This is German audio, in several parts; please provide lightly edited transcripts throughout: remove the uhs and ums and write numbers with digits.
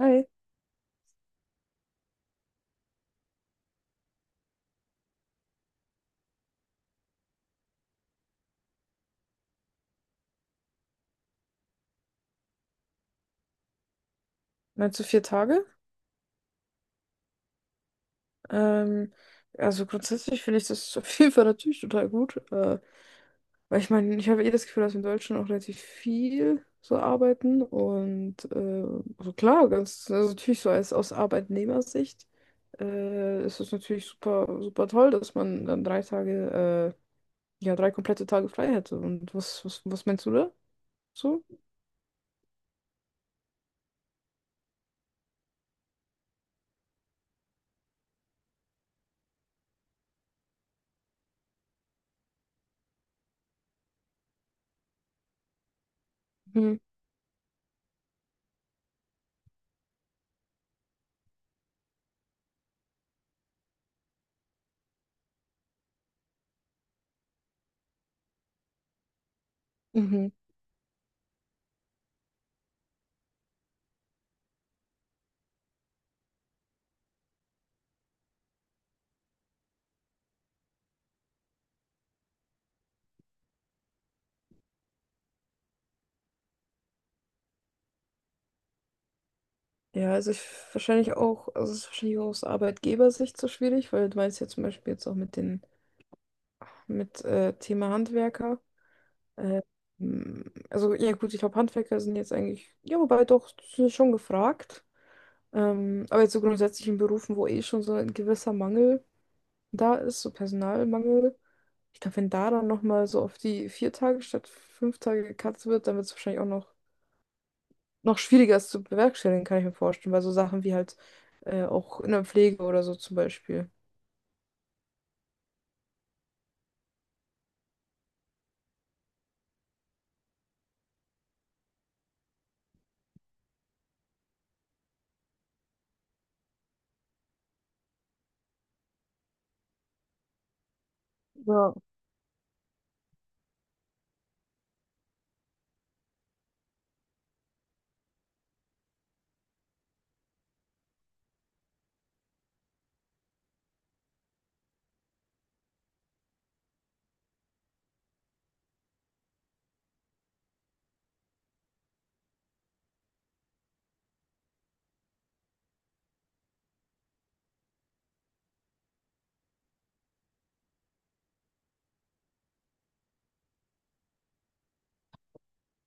Hi, meinst du vier Tage? Ähm, also grundsätzlich finde ich das auf jeden Fall natürlich total gut. Weil ich meine, ich habe eh das Gefühl, dass wir in Deutschland auch relativ viel so arbeiten. Und also klar, ganz, also natürlich so als aus Arbeitnehmersicht ist es natürlich super, super toll, dass man dann drei Tage, ja, drei komplette Tage frei hätte. Und was meinst du da? So? Mhm. Mhm. Ja, also ich wahrscheinlich auch, also es ist wahrscheinlich auch aus Arbeitgebersicht so schwierig, weil du meinst ja zum Beispiel jetzt auch mit den, mit Thema Handwerker. Äh, m, also ja gut, ich glaube Handwerker sind jetzt eigentlich, ja wobei doch, sind schon gefragt. Aber jetzt so grundsätzlich in Berufen, wo eh schon so ein gewisser Mangel da ist, so Personalmangel. Ich glaube, wenn da dann nochmal so auf die vier Tage statt fünf Tage gekatzt wird, dann wird es wahrscheinlich auch noch schwieriger ist zu bewerkstelligen, kann ich mir vorstellen, weil so Sachen wie halt auch in der Pflege oder so zum Beispiel. Ja,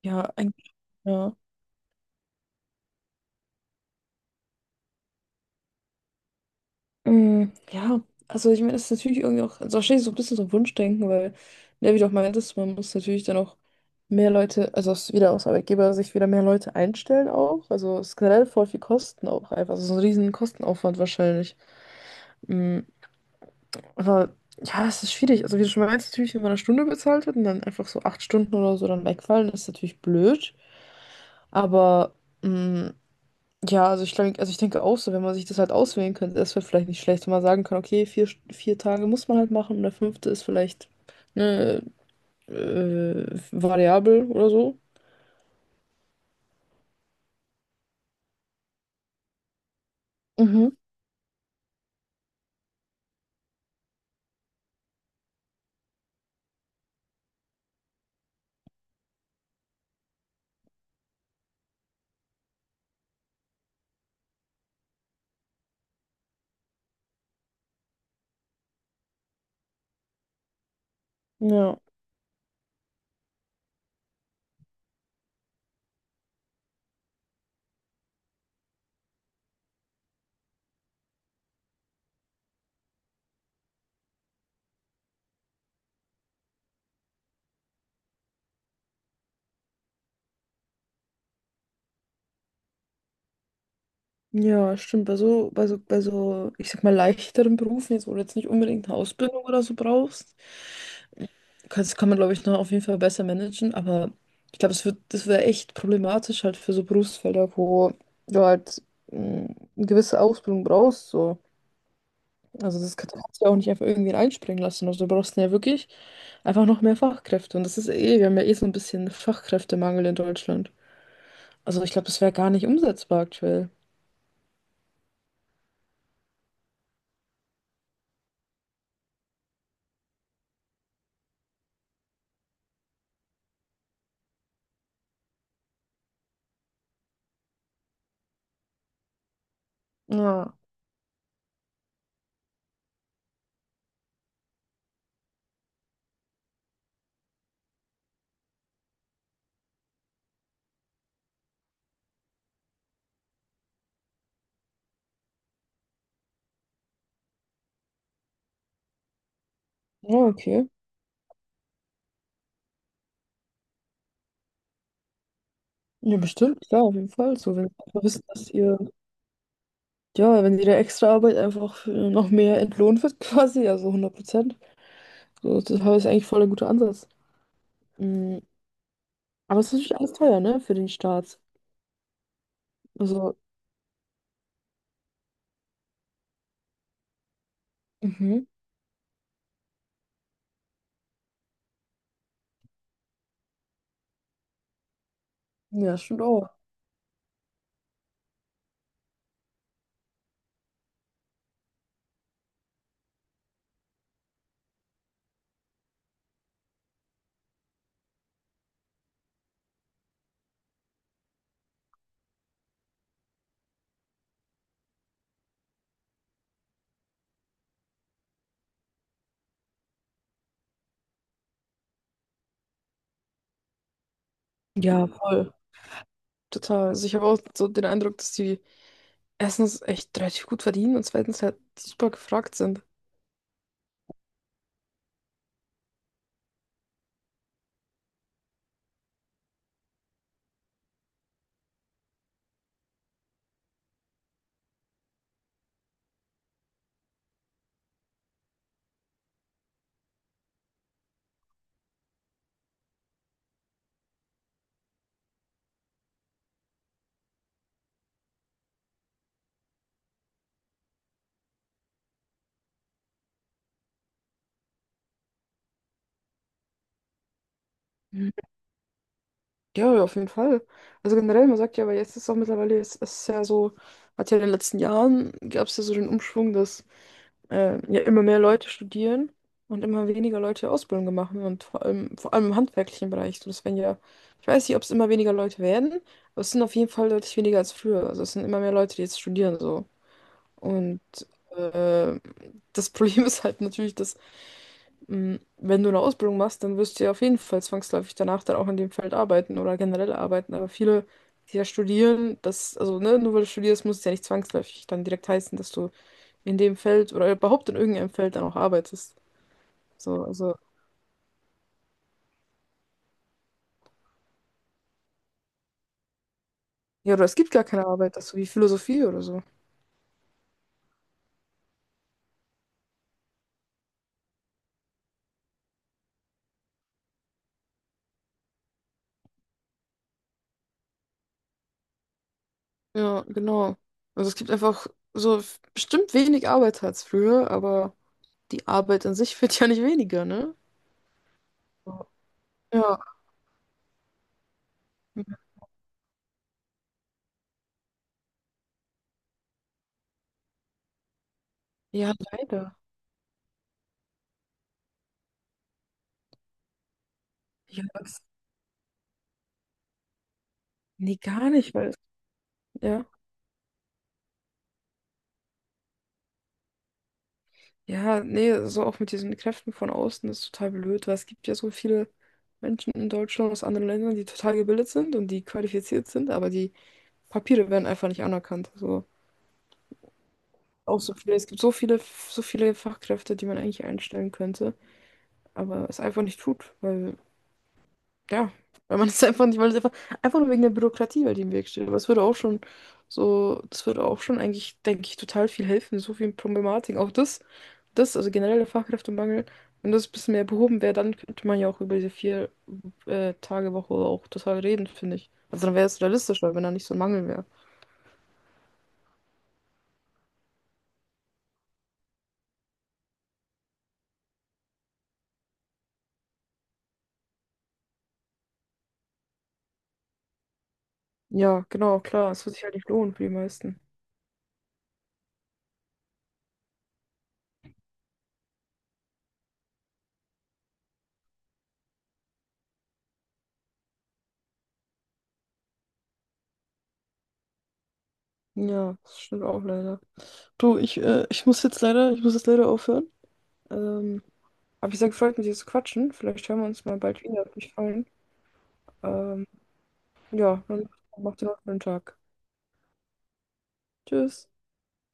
ja, eigentlich, ja. Mm, ja, also ich meine, das ist natürlich irgendwie auch, also wahrscheinlich so ein bisschen so ein Wunschdenken, weil, ne, wie du auch meintest, man muss natürlich dann auch mehr Leute, also aus, wieder aus Arbeitgeber sich wieder mehr Leute einstellen auch. Also es ist generell voll viel Kosten auch einfach. Also so ein riesen Kostenaufwand wahrscheinlich. Mm. Aber ja, es ist schwierig. Also, wie du schon meinst, natürlich, wenn man eine Stunde bezahlt wird und dann einfach so acht Stunden oder so dann wegfallen, das ist natürlich blöd. Aber mh, ja, also ich, glaub, also ich denke auch so, wenn man sich das halt auswählen könnte, das wäre vielleicht nicht schlecht, wenn man sagen kann, okay, vier Tage muss man halt machen und der fünfte ist vielleicht eine äh, Variable oder so. Mhm. Ja. Ja, stimmt. Bei so, ich sag mal, leichteren Berufen, jetzt, wo du jetzt nicht unbedingt eine Ausbildung oder so brauchst. Das kann man, glaube ich, noch auf jeden Fall besser managen, aber ich glaube, es wird, das wäre echt problematisch halt für so Berufsfelder, wo du halt mh, eine gewisse Ausbildung brauchst. So. Also das kannst du ja auch nicht einfach irgendwie einspringen lassen. Also du brauchst ja wirklich einfach noch mehr Fachkräfte. Und das ist eh, wir haben ja eh so ein bisschen Fachkräftemangel in Deutschland. Also ich glaube, das wäre gar nicht umsetzbar aktuell. Ja. Ja, okay. Ja, bestimmt, klar, auf jeden Fall. So, wenn ihr einfach wisst, dass ihr, ja, wenn ihre Extraarbeit einfach noch mehr entlohnt wird, quasi, also 100%. So, das ist eigentlich voll ein guter Ansatz. Mm. Aber es ist natürlich alles teuer, ne, für den Staat. Also, Mhm. Ja, stimmt auch. Ja, voll. Total. Also ich habe auch so den Eindruck, dass die erstens echt relativ gut verdienen und zweitens halt super gefragt sind. Ja, ja, auf jeden Fall. Also generell, man sagt ja, aber jetzt ist auch mittlerweile, es ist ja so, hat ja in den letzten Jahren, gab es ja so den Umschwung, dass ja immer mehr Leute studieren und immer weniger Leute Ausbildung machen und vor allem im handwerklichen Bereich. So, das werden ja, ich weiß nicht, ob es immer weniger Leute werden, aber es sind auf jeden Fall deutlich weniger als früher. Also es sind immer mehr Leute, die jetzt studieren so. Und äh, das Problem ist halt natürlich, dass wenn du eine Ausbildung machst, dann wirst du ja auf jeden Fall zwangsläufig danach dann auch in dem Feld arbeiten oder generell arbeiten. Aber viele, die ja studieren, das, also ne, nur weil du studierst, muss es ja nicht zwangsläufig dann direkt heißen, dass du in dem Feld oder überhaupt in irgendeinem Feld dann auch arbeitest. So, also, ja, oder es gibt gar keine Arbeit, das so wie Philosophie oder so. Ja, genau. Also es gibt einfach so bestimmt wenig Arbeit als früher, aber die Arbeit an sich wird ja nicht weniger, ne? So. Ja. Ja, leider. Ja, das, nee, gar nicht, weil, ja. Ja, nee, so auch mit diesen Kräften von außen ist total blöd, weil es gibt ja so viele Menschen in Deutschland aus anderen Ländern, die total gebildet sind und die qualifiziert sind, aber die Papiere werden einfach nicht anerkannt. So auch so viele, es gibt so viele Fachkräfte, die man eigentlich einstellen könnte, aber es einfach nicht tut, weil, ja, weil man es einfach nicht, weil es einfach, einfach nur wegen der Bürokratie, weil die im Weg steht. Aber es würde auch schon so, das würde auch schon eigentlich, denke ich, total viel helfen, so viel Problematik. Also generell der Fachkräftemangel, wenn das ein bisschen mehr behoben wäre, dann könnte man ja auch über diese vier Tage Woche auch total reden, finde ich. Also dann wäre es realistischer, wenn da nicht so ein Mangel wäre. Ja, genau, klar, es wird sich halt nicht lohnen für die meisten. Ja, das stimmt auch leider. Du, ich muss jetzt leider aufhören. Ähm, aber ich sehr gefreut, mit dir zu quatschen. Vielleicht hören wir uns mal bald wieder. Hat mich gefallen. Ähm, ja, dann macht ihr noch einen schönen Tag. Tschüss.